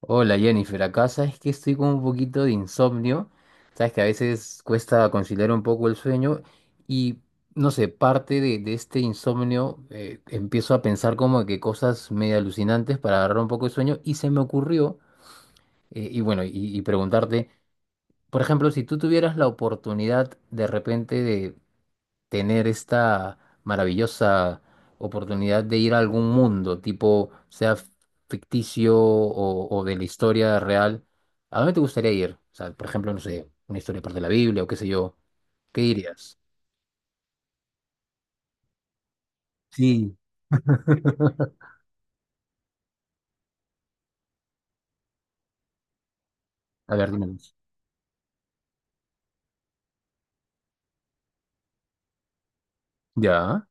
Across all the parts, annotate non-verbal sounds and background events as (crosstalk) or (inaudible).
Hola Jennifer, acá sabes que estoy con un poquito de insomnio, sabes que a veces cuesta conciliar un poco el sueño y no sé, parte de este insomnio empiezo a pensar como que cosas medio alucinantes para agarrar un poco de sueño y se me ocurrió, eh, y bueno, y, preguntarte, por ejemplo, si tú tuvieras la oportunidad de repente de tener esta maravillosa oportunidad de ir a algún mundo, tipo, sea ficticio o de la historia real, ¿a dónde te gustaría ir? O sea, por ejemplo, no sé, una historia parte de la Biblia o qué sé yo, ¿qué dirías? Sí. (laughs) A ver, dime. Ya,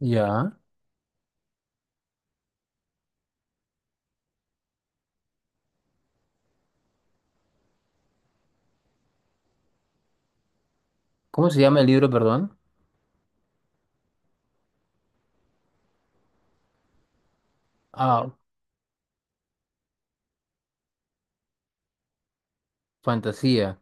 ya. ¿Cómo se llama el libro, perdón? Ah, fantasía.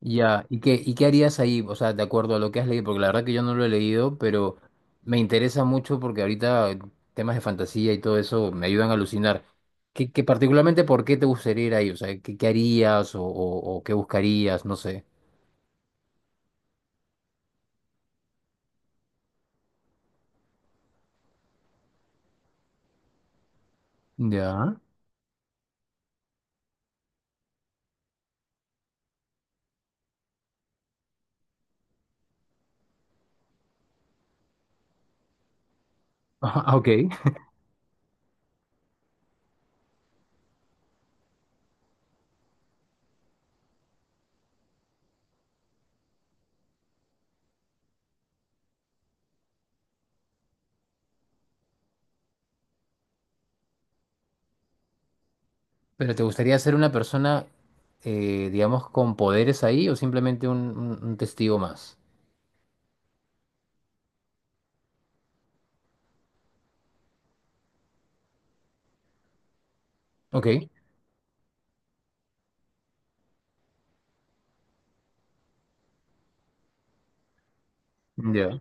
Ya, ¿y qué harías ahí? O sea, de acuerdo a lo que has leído, porque la verdad que yo no lo he leído, pero me interesa mucho porque ahorita temas de fantasía y todo eso me ayudan a alucinar. ¿Qué particularmente por qué te gustaría ir ahí? O sea, ¿qué harías o qué buscarías? No sé. Ya. (laughs) Ah, ok. ¿Pero te gustaría ser una persona, digamos, con poderes ahí o simplemente un, un testigo más? Ok. Ya.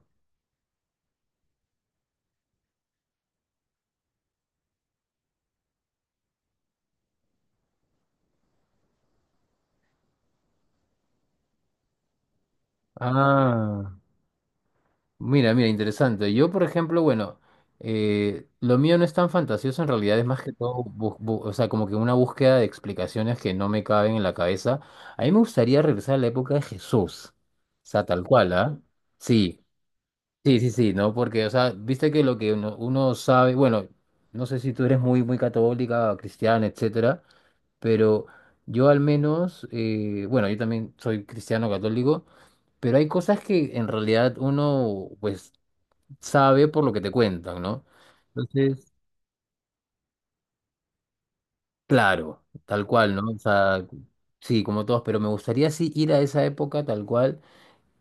Ah. Mira, mira, interesante. Yo, por ejemplo, bueno, lo mío no es tan fantasioso, en realidad es más que todo, o sea, como que una búsqueda de explicaciones que no me caben en la cabeza. A mí me gustaría regresar a la época de Jesús, o sea, tal cual, ¿ah? Sí, sí, sí, sí, ¿no? Porque, o sea, viste que lo que uno, uno sabe, bueno, no sé si tú eres muy, muy católica, cristiana, etcétera, pero yo al menos, yo también soy cristiano católico. Pero hay cosas que en realidad uno, pues, sabe por lo que te cuentan, ¿no? Entonces, claro, tal cual, ¿no? O sea, sí, como todos, pero me gustaría sí ir a esa época tal cual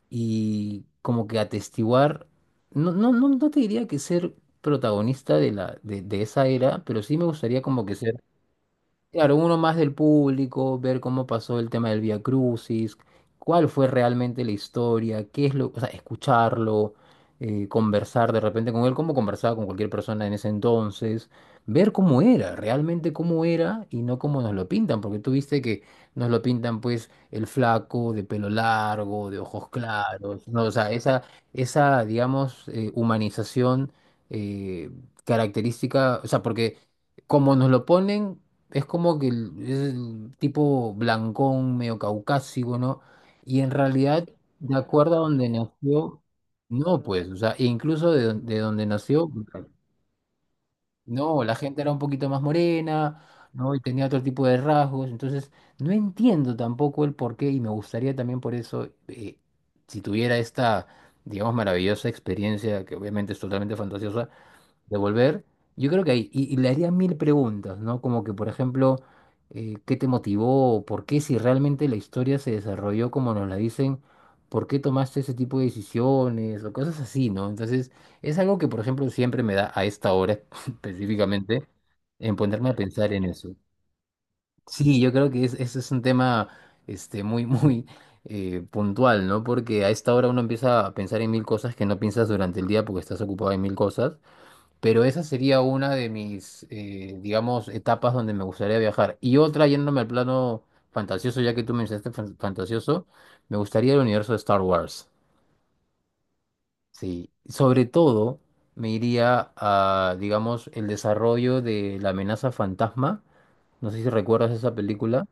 y como que atestiguar, no te diría que ser protagonista de esa era, pero sí me gustaría como que ser. Claro, uno más del público, ver cómo pasó el tema del Vía Crucis, cuál fue realmente la historia, qué es lo, o sea, escucharlo, conversar de repente con él, como conversaba con cualquier persona en ese entonces, ver cómo era, realmente cómo era y no cómo nos lo pintan, porque tú viste que nos lo pintan pues el flaco de pelo largo, de ojos claros, ¿no? O sea, digamos, humanización eh, característica, o sea, porque como nos lo ponen es como que es el tipo blancón, medio caucásico, ¿no? Y en realidad, de acuerdo a donde nació, no, pues, o sea, e incluso de, de donde nació, no, la gente era un poquito más morena, ¿no? Y tenía otro tipo de rasgos, entonces no entiendo tampoco el porqué y me gustaría también por eso, si tuviera esta, digamos, maravillosa experiencia, que obviamente es totalmente fantasiosa, devolver yo creo que ahí, y le haría mil preguntas, ¿no? Como que, por ejemplo, ¿qué te motivó? ¿Por qué si realmente la historia se desarrolló como nos la dicen? ¿Por qué tomaste ese tipo de decisiones? O cosas así, ¿no? Entonces, es algo que, por ejemplo, siempre me da a esta hora (laughs) específicamente en ponerme a pensar en eso. Sí, yo creo que es, eso es un tema este, muy, (laughs) muy puntual, ¿no? Porque a esta hora uno empieza a pensar en mil cosas que no piensas durante el día porque estás ocupado en mil cosas. Pero esa sería una de mis, digamos, etapas donde me gustaría viajar. Y otra, yéndome al plano fantasioso, ya que tú mencionaste fantasioso, me gustaría el universo de Star Wars. Sí, sobre todo me iría a, digamos, el desarrollo de la amenaza fantasma. No sé si recuerdas esa película.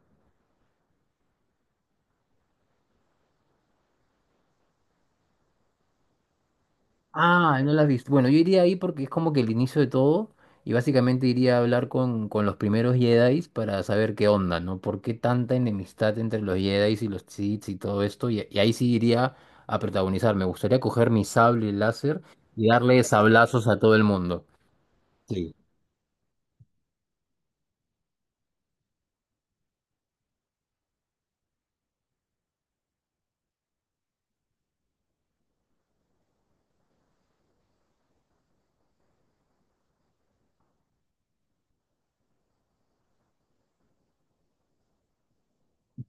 Ah, no la has visto. Bueno, yo iría ahí porque es como que el inicio de todo y básicamente iría a hablar con los primeros Jedi's para saber qué onda, ¿no? ¿Por qué tanta enemistad entre los Jedi's y los Sith y todo esto? Y ahí sí iría a protagonizar. Me gustaría coger mi sable láser y darle sablazos a todo el mundo. Sí.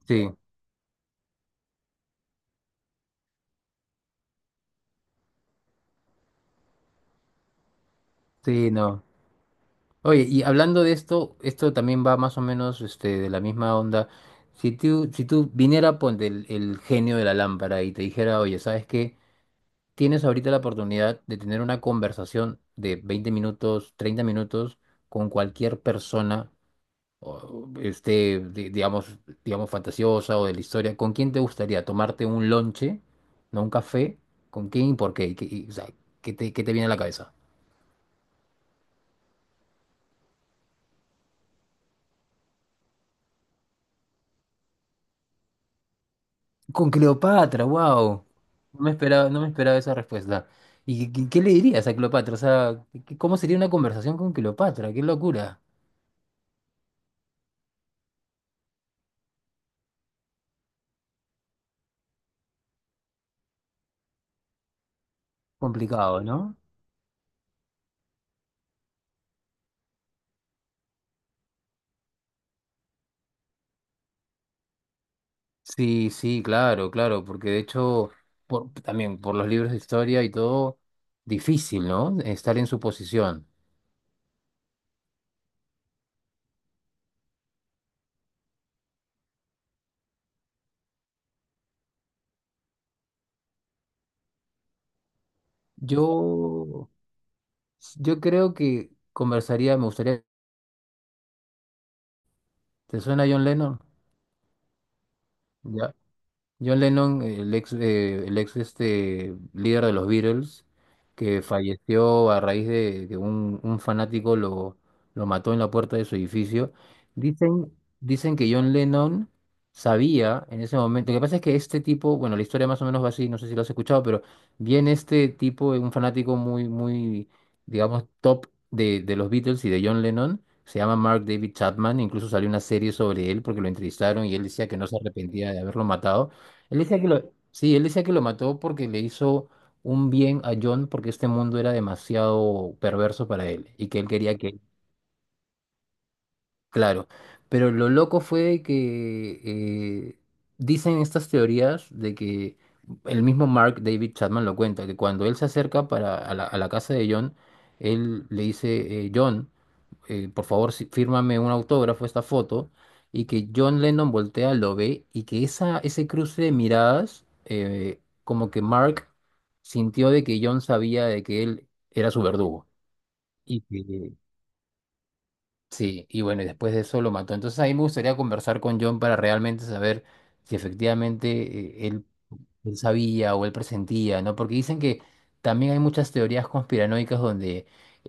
Sí, sí, no. Oye, y hablando de esto, esto también va más o menos este, de la misma onda. Si tú viniera, ponte el genio de la lámpara y te dijera, oye, ¿sabes qué? Tienes ahorita la oportunidad de tener una conversación de 20 minutos, 30 minutos con cualquier persona, o, este, digamos, fantasiosa o de la historia. ¿Con quién te gustaría tomarte un lonche, no un café? ¿Con quién y por qué? ¿Y qué, y, o sea, qué te viene a la cabeza? Con Cleopatra, wow. No me esperaba esa respuesta. ¿Y qué, qué le dirías a Cleopatra? O sea, ¿qué- ¿cómo sería una conversación con Cleopatra? Qué locura. Complicado, ¿no? Sí, sí, claro, claro, porque de hecho, por- también por los libros de historia y todo, difícil, ¿no? Estar en su posición. Yo, yo creo que conversaría, me gustaría, ¿te suena John Lennon? Ya. John Lennon, el ex este, líder de los Beatles, que falleció a raíz de que un fanático lo mató en la puerta de su edificio. Dicen, dicen que John Lennon sabía en ese momento. Lo que pasa es que este tipo, bueno, la historia más o menos va así, no sé si lo has escuchado, pero viene este tipo, un fanático muy, muy, digamos, top de los Beatles y de John Lennon. Se llama Mark David Chapman, incluso salió una serie sobre él porque lo entrevistaron y él decía que no se arrepentía de haberlo matado. Él decía que lo, sí, él decía que lo mató porque le hizo un bien a John porque este mundo era demasiado perverso para él y que él quería que. Claro, pero lo loco fue que eh, dicen estas teorías de que el mismo Mark David Chapman lo cuenta, que cuando él se acerca para, a la casa de John, él le dice, John, por favor, sí, fírmame un autógrafo, esta foto, y que John Lennon voltea, lo ve, y que esa, ese cruce de miradas, como que Mark sintió de que John sabía de que él era su verdugo. Y que sí, y bueno, y después de eso lo mató. Entonces a mí me gustaría conversar con John para realmente saber si efectivamente eh, él, él sabía o él presentía, ¿no? Porque dicen que también hay muchas teorías conspiranoicas donde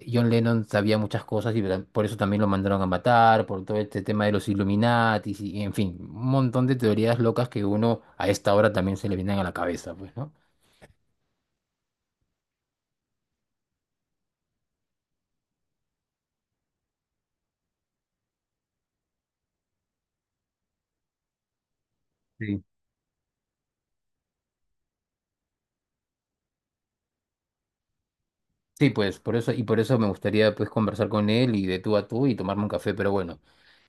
John Lennon sabía muchas cosas y verdad- por eso también lo mandaron a matar, por todo este tema de los Illuminati, y en fin, un montón de teorías locas que uno a esta hora también se le vienen a la cabeza, pues, ¿no? Sí, pues por eso, y por eso me gustaría pues conversar con él y de tú a tú y tomarme un café, pero bueno,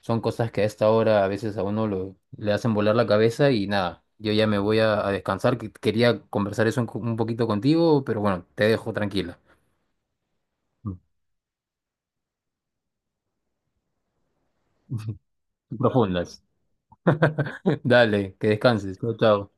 son cosas que a esta hora a veces a uno lo, le hacen volar la cabeza y nada, yo ya me voy a descansar, que quería conversar eso un, un poquito contigo, pero bueno, te dejo tranquila. Mm. (laughs) Profundas. (laughs) Dale, que descanses. Chao, chao.